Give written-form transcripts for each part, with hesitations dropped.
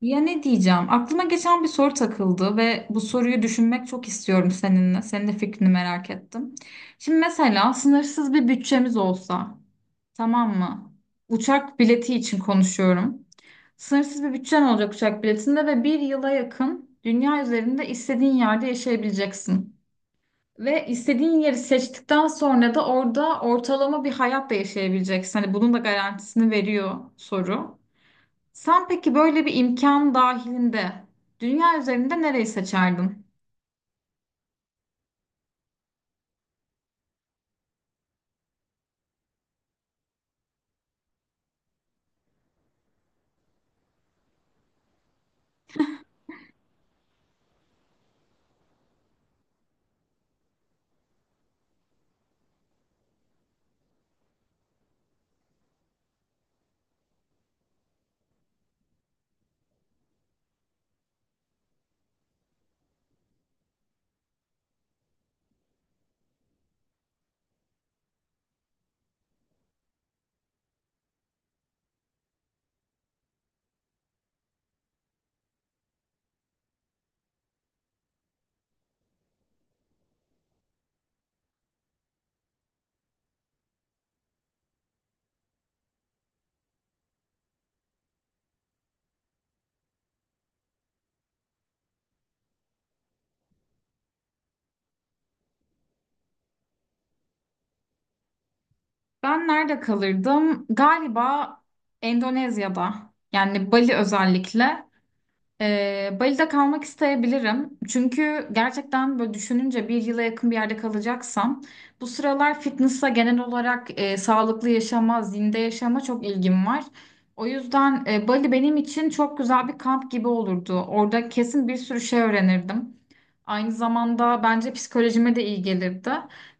Ya ne diyeceğim? Aklıma geçen bir soru takıldı ve bu soruyu düşünmek çok istiyorum seninle. Senin de fikrini merak ettim. Şimdi mesela sınırsız bir bütçemiz olsa, tamam mı? Uçak bileti için konuşuyorum. Sınırsız bir bütçen olacak uçak biletinde ve bir yıla yakın dünya üzerinde istediğin yerde yaşayabileceksin. Ve istediğin yeri seçtikten sonra da orada ortalama bir hayat da yaşayabileceksin. Hani bunun da garantisini veriyor soru. Sen peki böyle bir imkan dahilinde dünya üzerinde nereyi seçerdin? Ben nerede kalırdım? Galiba Endonezya'da. Yani Bali özellikle. Bali'de kalmak isteyebilirim. Çünkü gerçekten böyle düşününce bir yıla yakın bir yerde kalacaksam bu sıralar fitness'a genel olarak sağlıklı yaşama, zinde yaşama çok ilgim var. O yüzden Bali benim için çok güzel bir kamp gibi olurdu. Orada kesin bir sürü şey öğrenirdim. Aynı zamanda bence psikolojime de iyi gelirdi.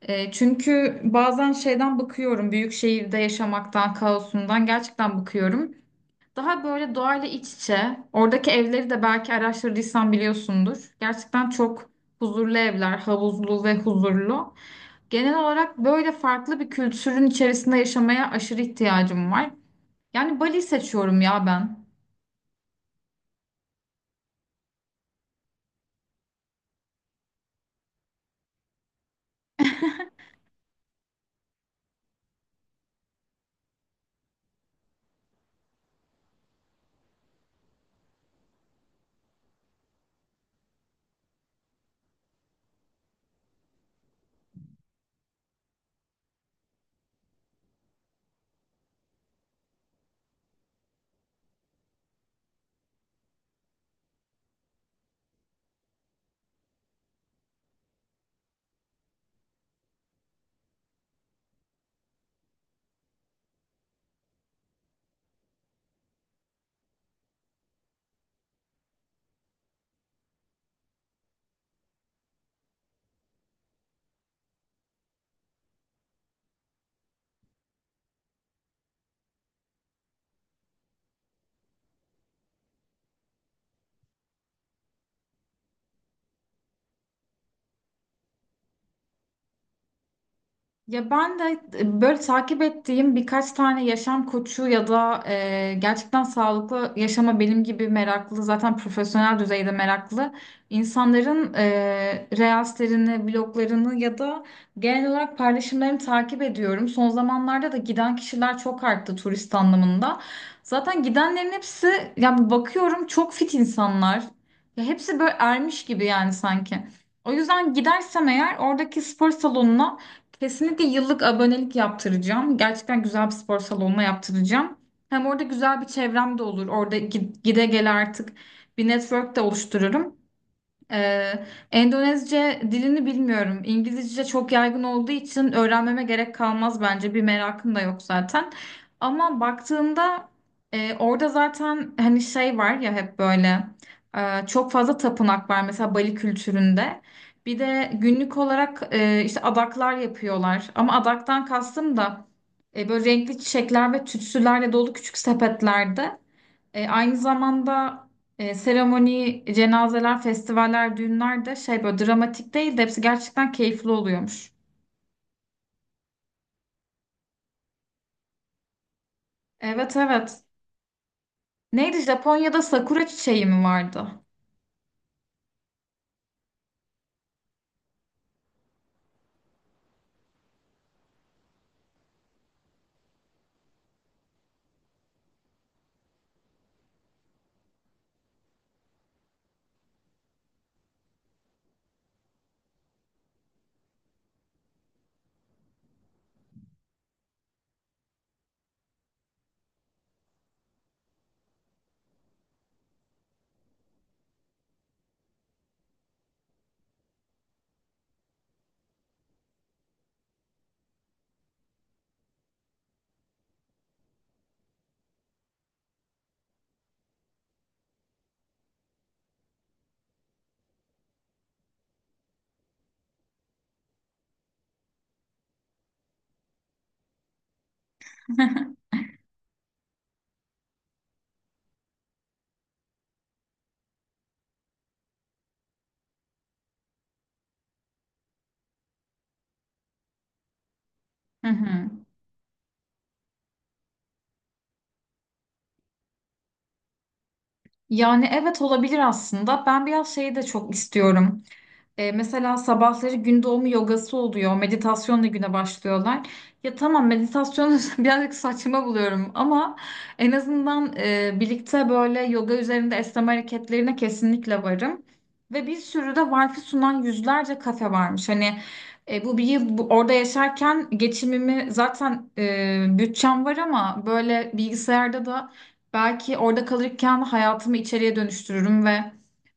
Çünkü bazen şeyden bıkıyorum, büyük şehirde yaşamaktan, kaosundan gerçekten bıkıyorum. Daha böyle doğayla iç içe, oradaki evleri de belki araştırdıysan biliyorsundur. Gerçekten çok huzurlu evler, havuzlu ve huzurlu. Genel olarak böyle farklı bir kültürün içerisinde yaşamaya aşırı ihtiyacım var. Yani Bali seçiyorum ya ben. Ya ben de böyle takip ettiğim birkaç tane yaşam koçu ya da gerçekten sağlıklı yaşama benim gibi meraklı zaten profesyonel düzeyde meraklı insanların reelslerini, bloglarını ya da genel olarak paylaşımlarını takip ediyorum. Son zamanlarda da giden kişiler çok arttı turist anlamında. Zaten gidenlerin hepsi ya bakıyorum çok fit insanlar. Ya hepsi böyle ermiş gibi yani sanki. O yüzden gidersem eğer oradaki spor salonuna kesinlikle yıllık abonelik yaptıracağım. Gerçekten güzel bir spor salonuna yaptıracağım. Hem orada güzel bir çevrem de olur. Orada gide gele artık bir network de oluştururum. Ee, Endonezce dilini bilmiyorum. İngilizce çok yaygın olduğu için öğrenmeme gerek kalmaz bence. Bir merakım da yok zaten. Ama baktığımda orada zaten hani şey var ya hep böyle çok fazla tapınak var mesela Bali kültüründe. Bir de günlük olarak işte adaklar yapıyorlar. Ama adaktan kastım da böyle renkli çiçekler ve tütsülerle dolu küçük sepetlerde. Aynı zamanda seremoni, cenazeler, festivaller, düğünler de şey böyle dramatik değil de hepsi gerçekten keyifli oluyormuş. Evet, evet. Neydi Japonya'da sakura çiçeği mi vardı? Hı hı. Yani evet olabilir aslında. Ben biraz şeyi de çok istiyorum. Mesela sabahları gün doğumu yogası oluyor. Meditasyonla güne başlıyorlar. Ya tamam meditasyonu birazcık saçma buluyorum ama en azından birlikte böyle yoga üzerinde esneme hareketlerine kesinlikle varım. Ve bir sürü de wifi sunan yüzlerce kafe varmış. Hani bu bir yıl orada yaşarken geçimimi zaten bütçem var ama böyle bilgisayarda da belki orada kalırken hayatımı içeriye dönüştürürüm ve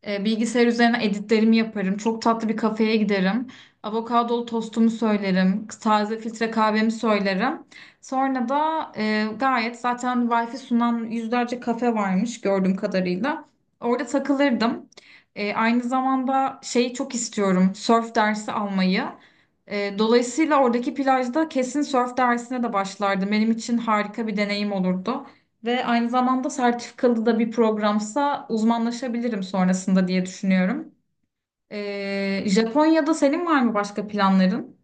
bilgisayar üzerine editlerimi yaparım. Çok tatlı bir kafeye giderim. Avokadolu tostumu söylerim. Taze filtre kahvemi söylerim. Sonra da gayet zaten Wi-Fi sunan yüzlerce kafe varmış gördüğüm kadarıyla. Orada takılırdım. Aynı zamanda şeyi çok istiyorum. Surf dersi almayı. Dolayısıyla oradaki plajda kesin surf dersine de başlardım. Benim için harika bir deneyim olurdu. Ve aynı zamanda sertifikalı da bir programsa uzmanlaşabilirim sonrasında diye düşünüyorum. Japonya'da senin var mı başka planların?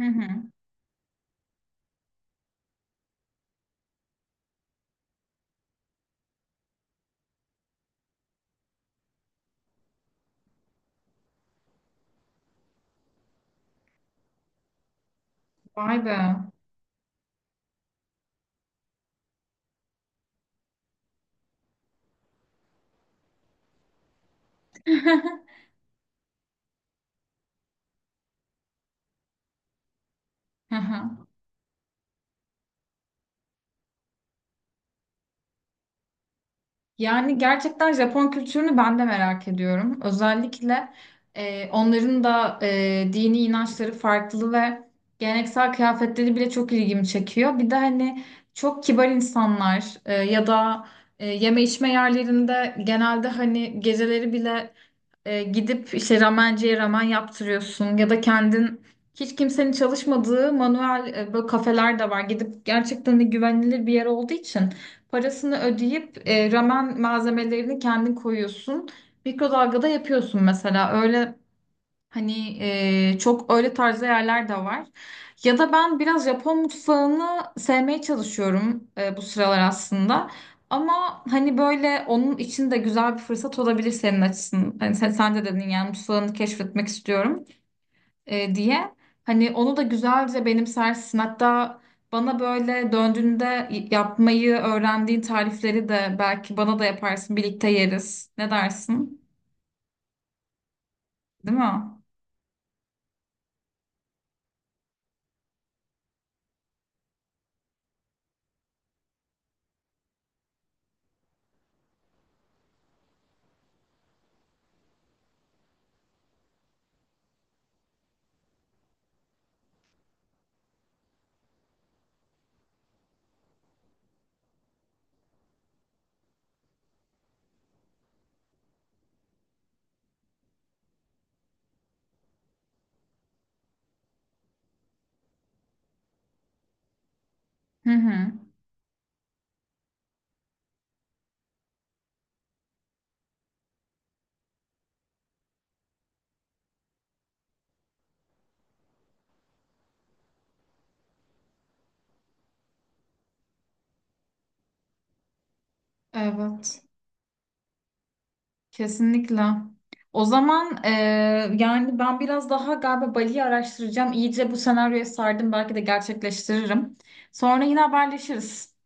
Hı hı. Vay be. Hı hı. Yani gerçekten Japon kültürünü ben de merak ediyorum. Özellikle onların da dini inançları farklı ve geleneksel kıyafetleri bile çok ilgimi çekiyor. Bir de hani çok kibar insanlar ya da yeme içme yerlerinde genelde hani geceleri bile gidip işte ramenciye ramen yaptırıyorsun ya da kendin hiç kimsenin çalışmadığı manuel böyle kafeler de var. Gidip gerçekten de güvenilir bir yer olduğu için parasını ödeyip ramen malzemelerini kendin koyuyorsun. Mikrodalgada yapıyorsun mesela. Öyle hani çok öyle tarzda yerler de var. Ya da ben biraz Japon mutfağını sevmeye çalışıyorum bu sıralar aslında. Ama hani böyle onun için de güzel bir fırsat olabilir senin açısından. Hani sen de dedin yani mutfağını keşfetmek istiyorum diye. Hani onu da güzelce benimsersin. Hatta bana böyle döndüğünde yapmayı öğrendiğin tarifleri de belki bana da yaparsın. Birlikte yeriz. Ne dersin? Değil mi? Hı hı. Evet. Kesinlikle. O zaman yani ben biraz daha galiba Bali'yi araştıracağım. İyice bu senaryoya sardım. Belki de gerçekleştiririm. Sonra yine haberleşiriz.